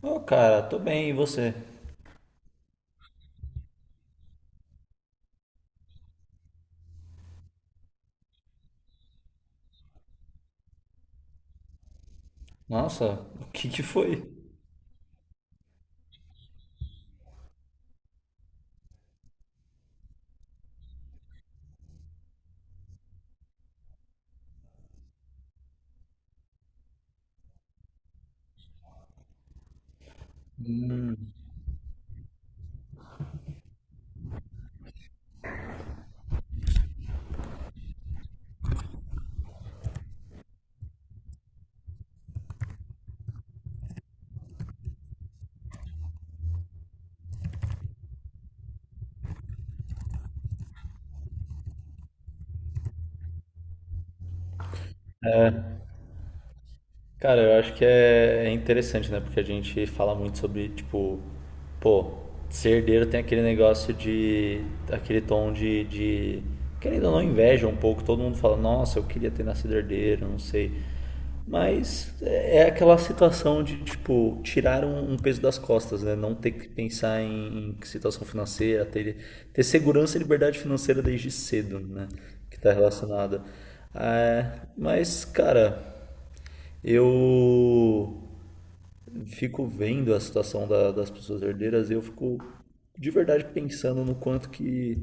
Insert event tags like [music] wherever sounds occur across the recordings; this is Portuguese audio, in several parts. Ô, cara, tô bem, e você? Nossa, [laughs] o que que foi? Hum. Cara, eu acho que é interessante, né? Porque a gente fala muito sobre, tipo, pô, ser herdeiro tem aquele negócio aquele tom de querendo ou não, inveja um pouco. Todo mundo fala, nossa, eu queria ter nascido herdeiro, não sei. Mas é aquela situação de, tipo, tirar um peso das costas, né? Não ter que pensar em situação financeira, ter, ter segurança e liberdade financeira desde cedo, né? Que tá relacionada. É, mas, cara, eu fico vendo a situação das pessoas herdeiras e eu fico de verdade pensando no quanto que.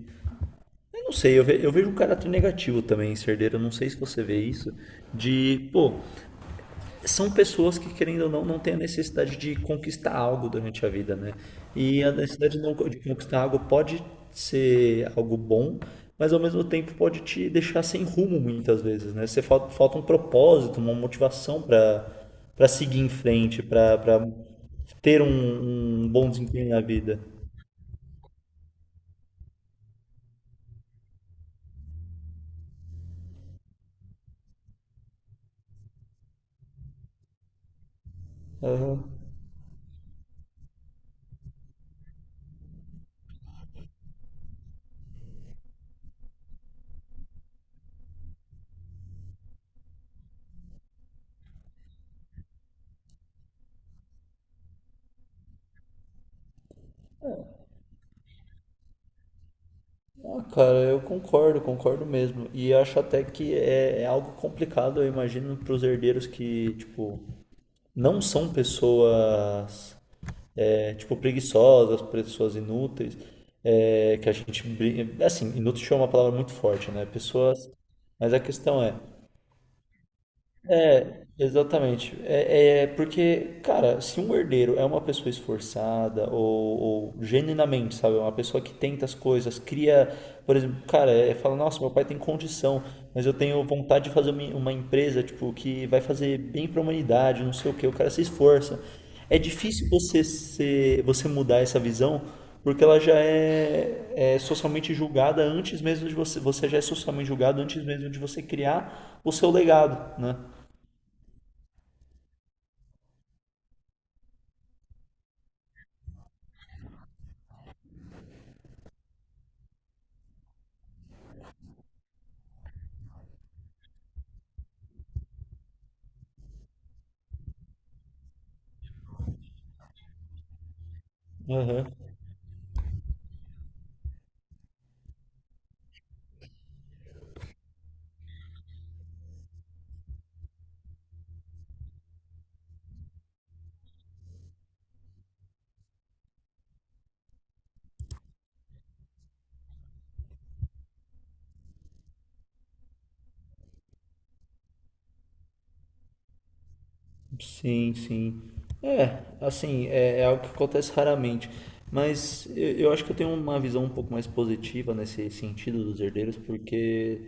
Eu não sei, eu vejo um caráter negativo também em ser herdeiro, eu não sei se você vê isso, de, pô, são pessoas que, querendo ou não, não têm a necessidade de conquistar algo durante a vida, né? E a necessidade de de conquistar algo pode ser algo bom, mas ao mesmo tempo pode te deixar sem rumo muitas vezes, né? Você falta, falta um propósito, uma motivação para seguir em frente, para ter um bom desempenho na vida. Aham. Ah, cara, eu concordo, concordo mesmo. E eu acho até que é algo complicado, eu imagino, para os herdeiros que, tipo, não são pessoas é, tipo preguiçosas, pessoas inúteis, é, que a gente assim, inútil é uma palavra muito forte, né? Pessoas, mas a questão é, é, exatamente. É, é porque, cara, se um herdeiro é uma pessoa esforçada ou genuinamente, sabe, uma pessoa que tenta as coisas, cria, por exemplo, cara, é fala, nossa, meu pai tem condição, mas eu tenho vontade de fazer uma empresa, tipo, que vai fazer bem para a humanidade, não sei o quê, o cara se esforça. É difícil você ser, você mudar essa visão, porque ela é socialmente julgada antes mesmo de você, você já é socialmente julgado antes mesmo de você criar o seu legado, né? Aham. Sim, sim. É, assim, é algo que acontece raramente. Eu acho que eu tenho uma visão um pouco mais positiva nesse sentido dos herdeiros, porque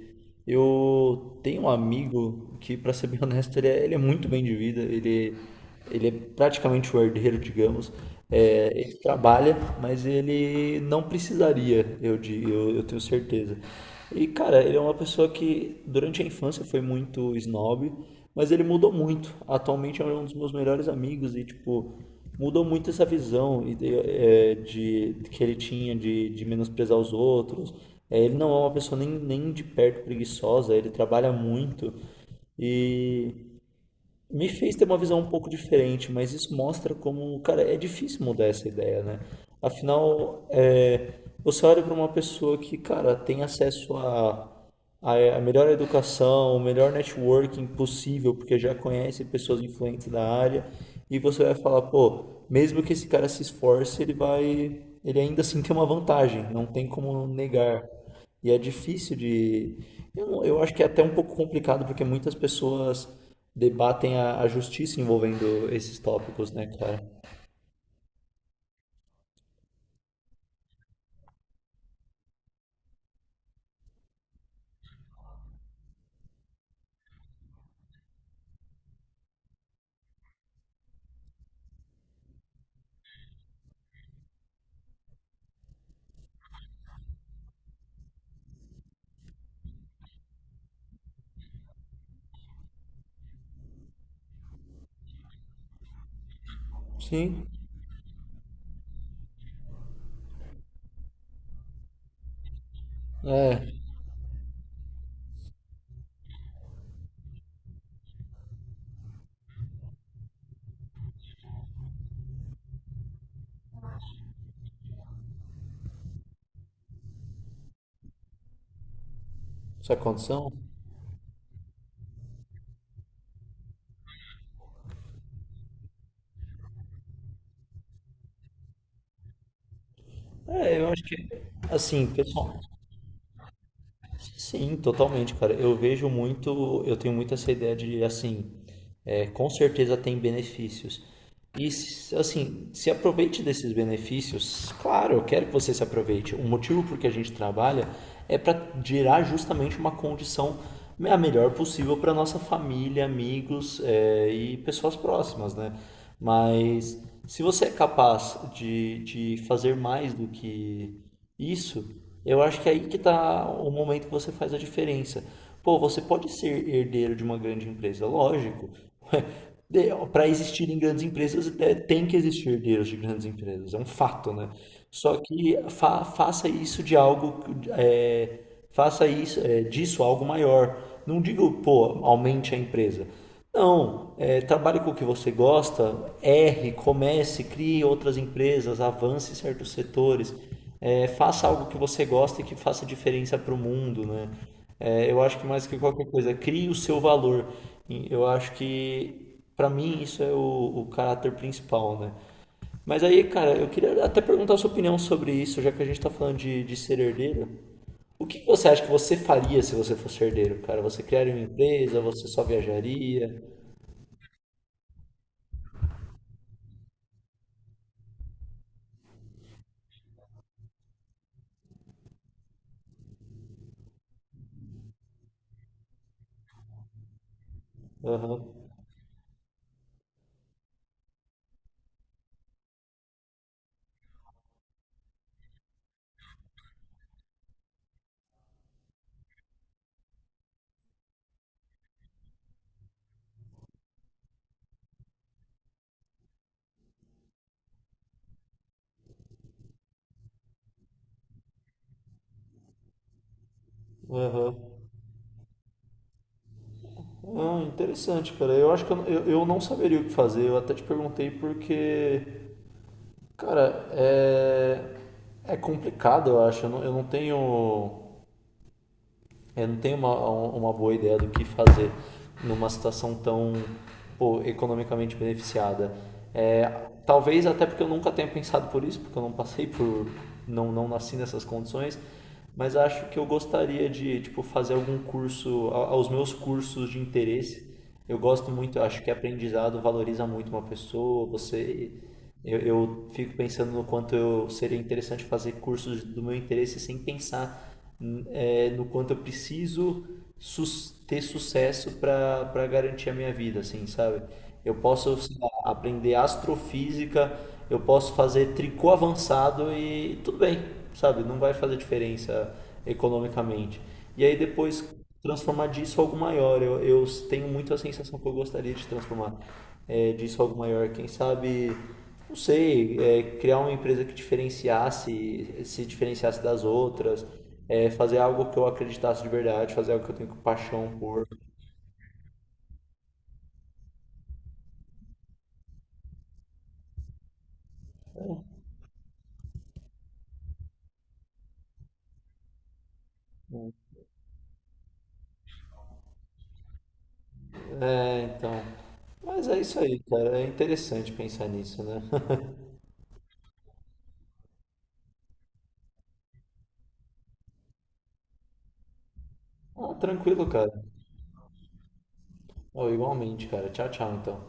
eu tenho um amigo que, para ser bem [laughs] honesto, ele é muito bem de vida. Ele é praticamente o herdeiro, digamos. É, ele trabalha, mas ele não precisaria, eu tenho certeza. E, cara, ele é uma pessoa que durante a infância foi muito snob, mas ele mudou muito. Atualmente é um dos meus melhores amigos e, tipo, mudou muito essa visão e que ele tinha de menosprezar os outros. É, ele não é uma pessoa nem de perto preguiçosa, ele trabalha muito e me fez ter uma visão um pouco diferente, mas isso mostra como, cara, é difícil mudar essa ideia, né? Afinal, é, você olha para uma pessoa que, cara, tem acesso a melhor educação, o melhor networking possível, porque já conhece pessoas influentes da área, e você vai falar, pô, mesmo que esse cara se esforce, ele ainda assim tem uma vantagem, não tem como negar. E é difícil de, eu, não- eu acho que é até um pouco complicado porque muitas pessoas debatem a justiça envolvendo esses tópicos, né, cara? Sim, é, essa condição. É, eu acho que, assim, pessoal, sim, totalmente, cara. Eu vejo muito, eu tenho muito essa ideia de, assim, é, com certeza tem benefícios. E assim, se aproveite desses benefícios. Claro, eu quero que você se aproveite. O motivo por que a gente trabalha é para gerar justamente uma condição a melhor possível para nossa família, amigos é, e pessoas próximas, né? Mas se você é capaz de fazer mais do que isso, eu acho que é aí que está o momento que você faz a diferença. Pô, você pode ser herdeiro de uma grande empresa, lógico. Para existirem grandes empresas, é, tem que existir herdeiros de grandes empresas, é um fato, né? Só que faça isso de algo, é, faça isso é, disso algo maior. Não diga, pô, aumente a empresa. Não, é, trabalhe com o que você gosta, erre, comece, crie outras empresas, avance certos setores, é, faça algo que você gosta e que faça diferença para o mundo, né? É, eu acho que mais que qualquer coisa, crie o seu valor. E eu acho que pra mim, isso é o caráter principal, né? Mas aí, cara, eu queria até perguntar a sua opinião sobre isso, já que a gente tá falando de ser herdeiro. O que você acha que você faria se você fosse herdeiro, cara? Você criaria uma empresa? Você só viajaria? Aham, aham. Ah, interessante, cara. Eu acho que eu não saberia o que fazer. Eu até te perguntei porque, cara, é, é complicado, eu acho. Eu não tenho uma, um, uma boa ideia do que fazer numa situação tão pô, economicamente beneficiada. É, talvez até porque eu nunca tenha pensado por isso, porque eu não passei por, não, não nasci nessas condições, mas acho que eu gostaria de tipo fazer algum curso, aos meus cursos de interesse. Eu gosto muito, eu acho que aprendizado valoriza muito uma pessoa. Você, eu fico pensando no quanto eu seria interessante fazer cursos do meu interesse sem pensar é, no quanto eu preciso ter sucesso para garantir a minha vida, assim, sabe? Eu posso, sei lá, aprender astrofísica, eu posso fazer tricô avançado e tudo bem, sabe? Não vai fazer diferença economicamente. E aí depois transformar disso em algo maior. Eu tenho muito a sensação que eu gostaria de transformar é, disso em algo maior. Quem sabe não sei, é, criar uma empresa que diferenciasse, se diferenciasse das outras, é, fazer algo que eu acreditasse de verdade, fazer algo que eu tenho paixão por. É, então. Mas é isso aí, cara. É interessante pensar nisso, né? [laughs] Ah, tranquilo, cara. Ó, igualmente, cara. Tchau, tchau, então.